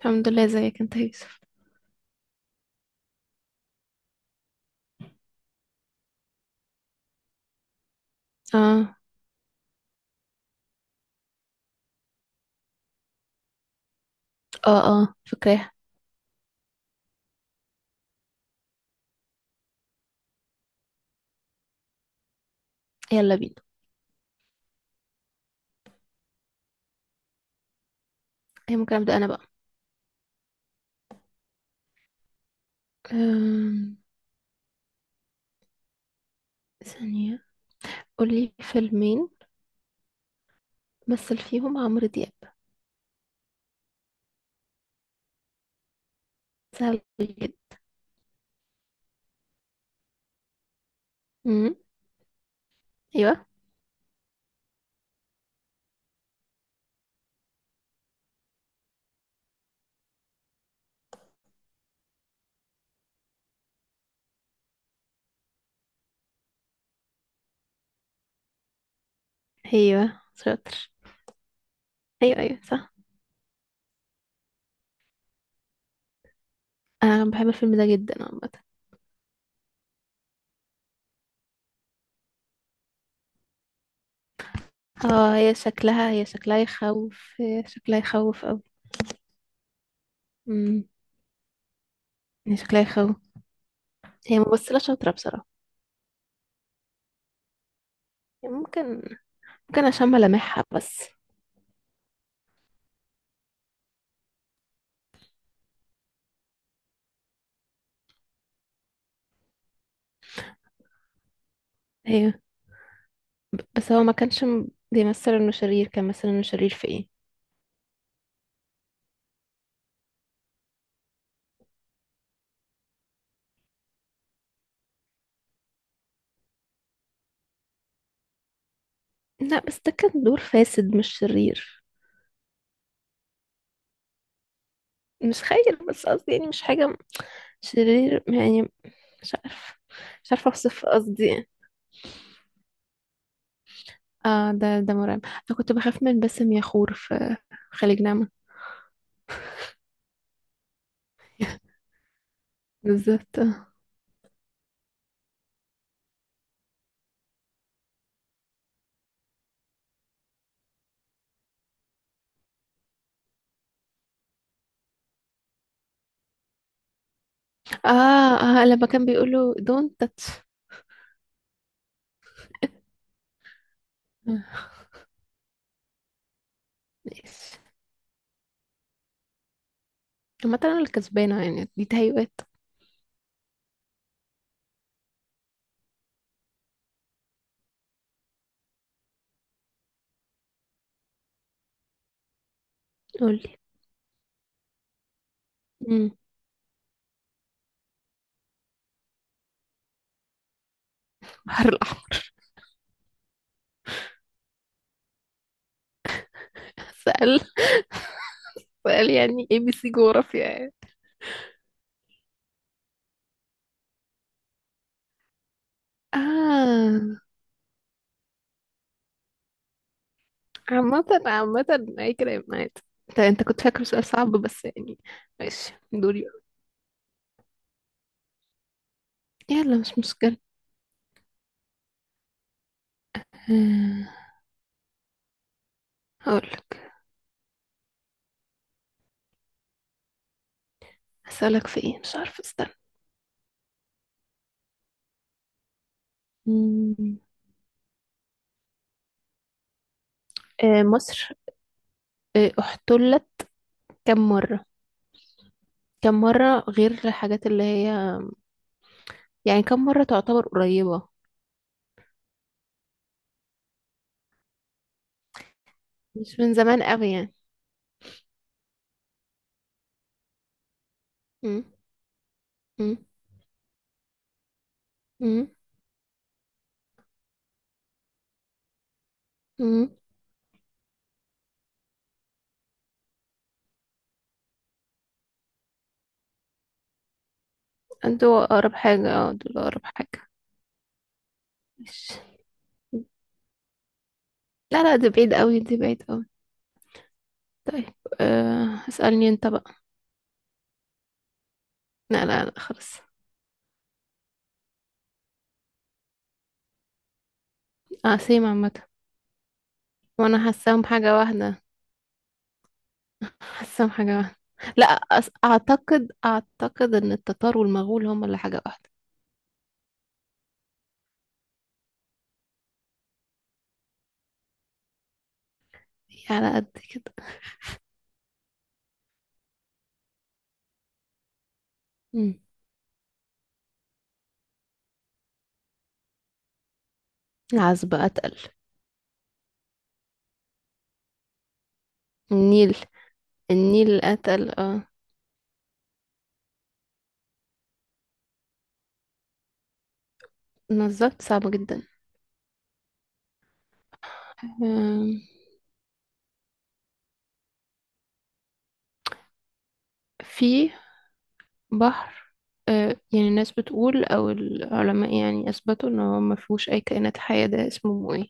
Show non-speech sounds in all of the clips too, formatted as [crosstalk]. الحمد لله، ازيك انت يا يوسف؟ اه اه اه، فاكراها. يلا بينا. هي ممكن ابدا انا بقى. أم... ثانية. قولي فيلمين مثل فيهم عمرو دياب. سهل جدا. امم ايوه ايوه شاطر. ايوه ايوه صح. انا بحب الفيلم ده جدا عامة. اه، هي شكلها يخوف، هي شكلها يخوف اوي. امم. هي شكلها يخوف. هي ممثلة شاطرة بصراحة. هي ممكن عشان ملامحها بس. ايوه، بس هو ما كانش بيمثل انه شرير، كان مثلا انه شرير في ايه؟ لا، بس ده كان دور فاسد مش شرير. مش خير، بس قصدي يعني مش حاجة شرير يعني. مش عارف. مش عارفة اوصف قصدي يعني. اه، ده مرعب. انا كنت بخاف من باسم يخور في خليج نعمة. [laughs] بالذات. اه اه لما كان بيقوله don't touch. آه. ماشي. عامة انا اللي كسبانة يعني، دي تهيؤات. قولي. امم بحر الأحمر. [laughs] سأل. سأل يعني ABC جغرافيا يعني. اه، عامة عامة أي كلام عادي. انت كنت فاكر سؤال صعب بس يعني. ماشي دوري. يلا مش مشكلة. آه، هقولك. هسألك في ايه، مش عارفة استنى. مم. مصر احتلت كم مرة؟ كم مرة غير الحاجات اللي هي، يعني كم مرة تعتبر قريبة. مش من زمان قوي يعني. مم. مم. مم. مم. انتوا أقرب حاجة، اه دول أقرب حاجة. ماشي. لا لا، دي بعيد قوي، دي بعيد قوي. طيب. أه هسألني انت بقى. لا لا لا خلاص. اقسم عامة. وانا حاساهم حاجة واحدة، حاساهم حاجة واحدة. لا اعتقد ان التتار والمغول هم اللي حاجة واحدة. هي على قد كده. مم. العزبة اتقل. النيل. النيل اتقل اه. بالظبط صعبة جدا. آم، في بحر، يعني الناس بتقول او العلماء يعني اثبتوا ان هو ما فيهوش اي كائنات حية، ده اسمه ايه؟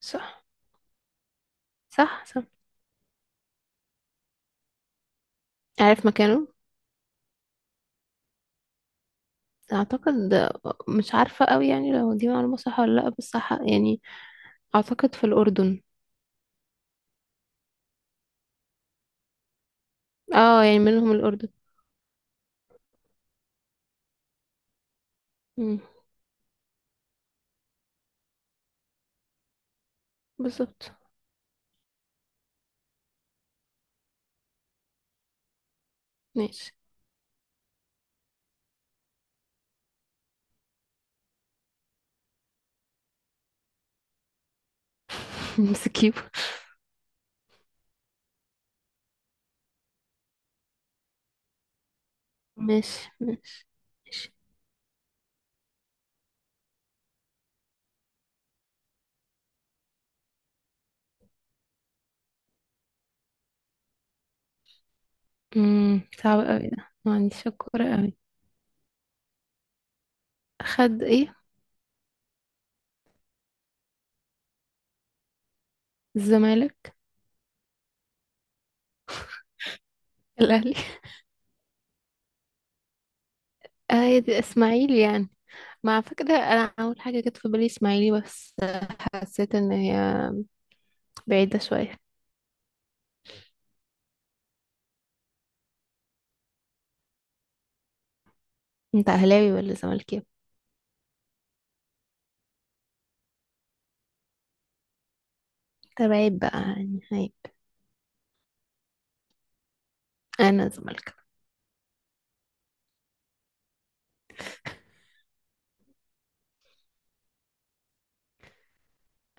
صح. صح صح. عارف مكانه؟ اعتقد. مش عارفة قوي يعني لو دي معلومة صح ولا لا، بس يعني اعتقد في الاردن. اه يعني منهم الاردن. مم. بالظبط. ماشي. [laughs] مسكيب. ماشي ماشي ماشي. صعب قوي ده، ما عنديش الكورة قوي. خد ايه؟ الزمالك. الاهلي. [laughs] اه يا دي اسماعيلي يعني. مع فكرة، انا اول حاجة جت في بالي اسماعيلي، بس حسيت ان هي بعيدة شوية. انت اهلاوي ولا زملكاوي؟ طب عيب بقى يعني عيب. انا زملكاوي.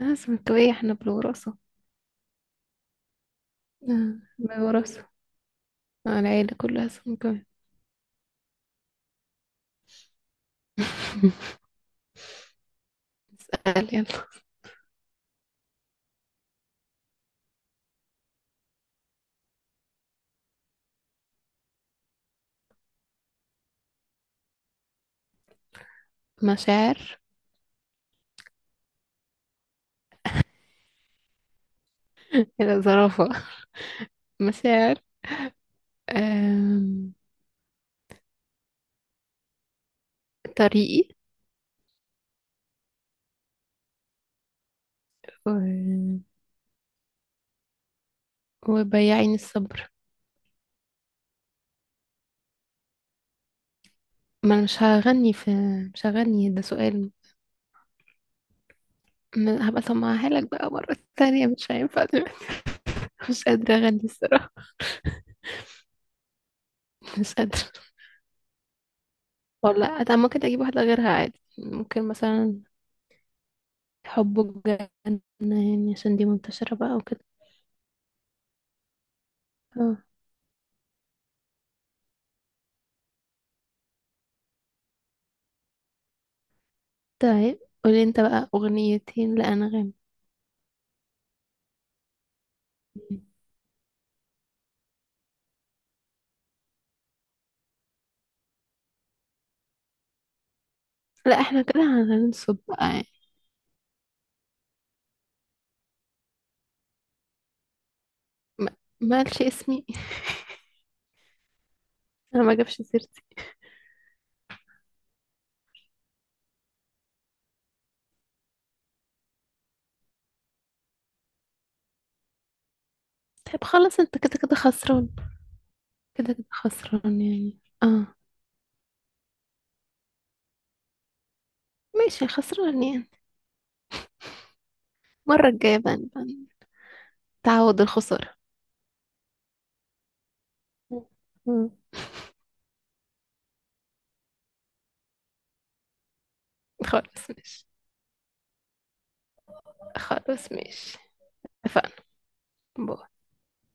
اه سمكاوية، احنا بالوراثة. بالوراثة. العيلة كلها سمكاوية. [laughs] اسأل يلا. مشاعر. يلا زرافة. مشاعر. آم، طريقي و... وبياعين الصبر. ما انا مش هغني في، مش هغني ده سؤال. هبقى اسمعها لك بقى مرة تانية، مش هينفع دلوقتي. [laughs] مش قادرة اغني الصراحة. مش قادرة. والله أنا ممكن اجيب واحدة غيرها عادي، ممكن مثلا حب جنة، يعني عشان دي منتشرة بقى وكده. اه. طيب قولي انت بقى أغنيتين لأنغام. لا احنا كده هننصب بقى يعني. ما مالش اسمي. انا ما جابش سيرتي. طيب خلاص، انت كده كده خسران. كده كده خسران يعني اه. ماشي خسران يعني. المرة الجاية بقى نبقى نتعود الخسارة. مم. خلاص ماشي. خلاص ماشي. اتفقنا.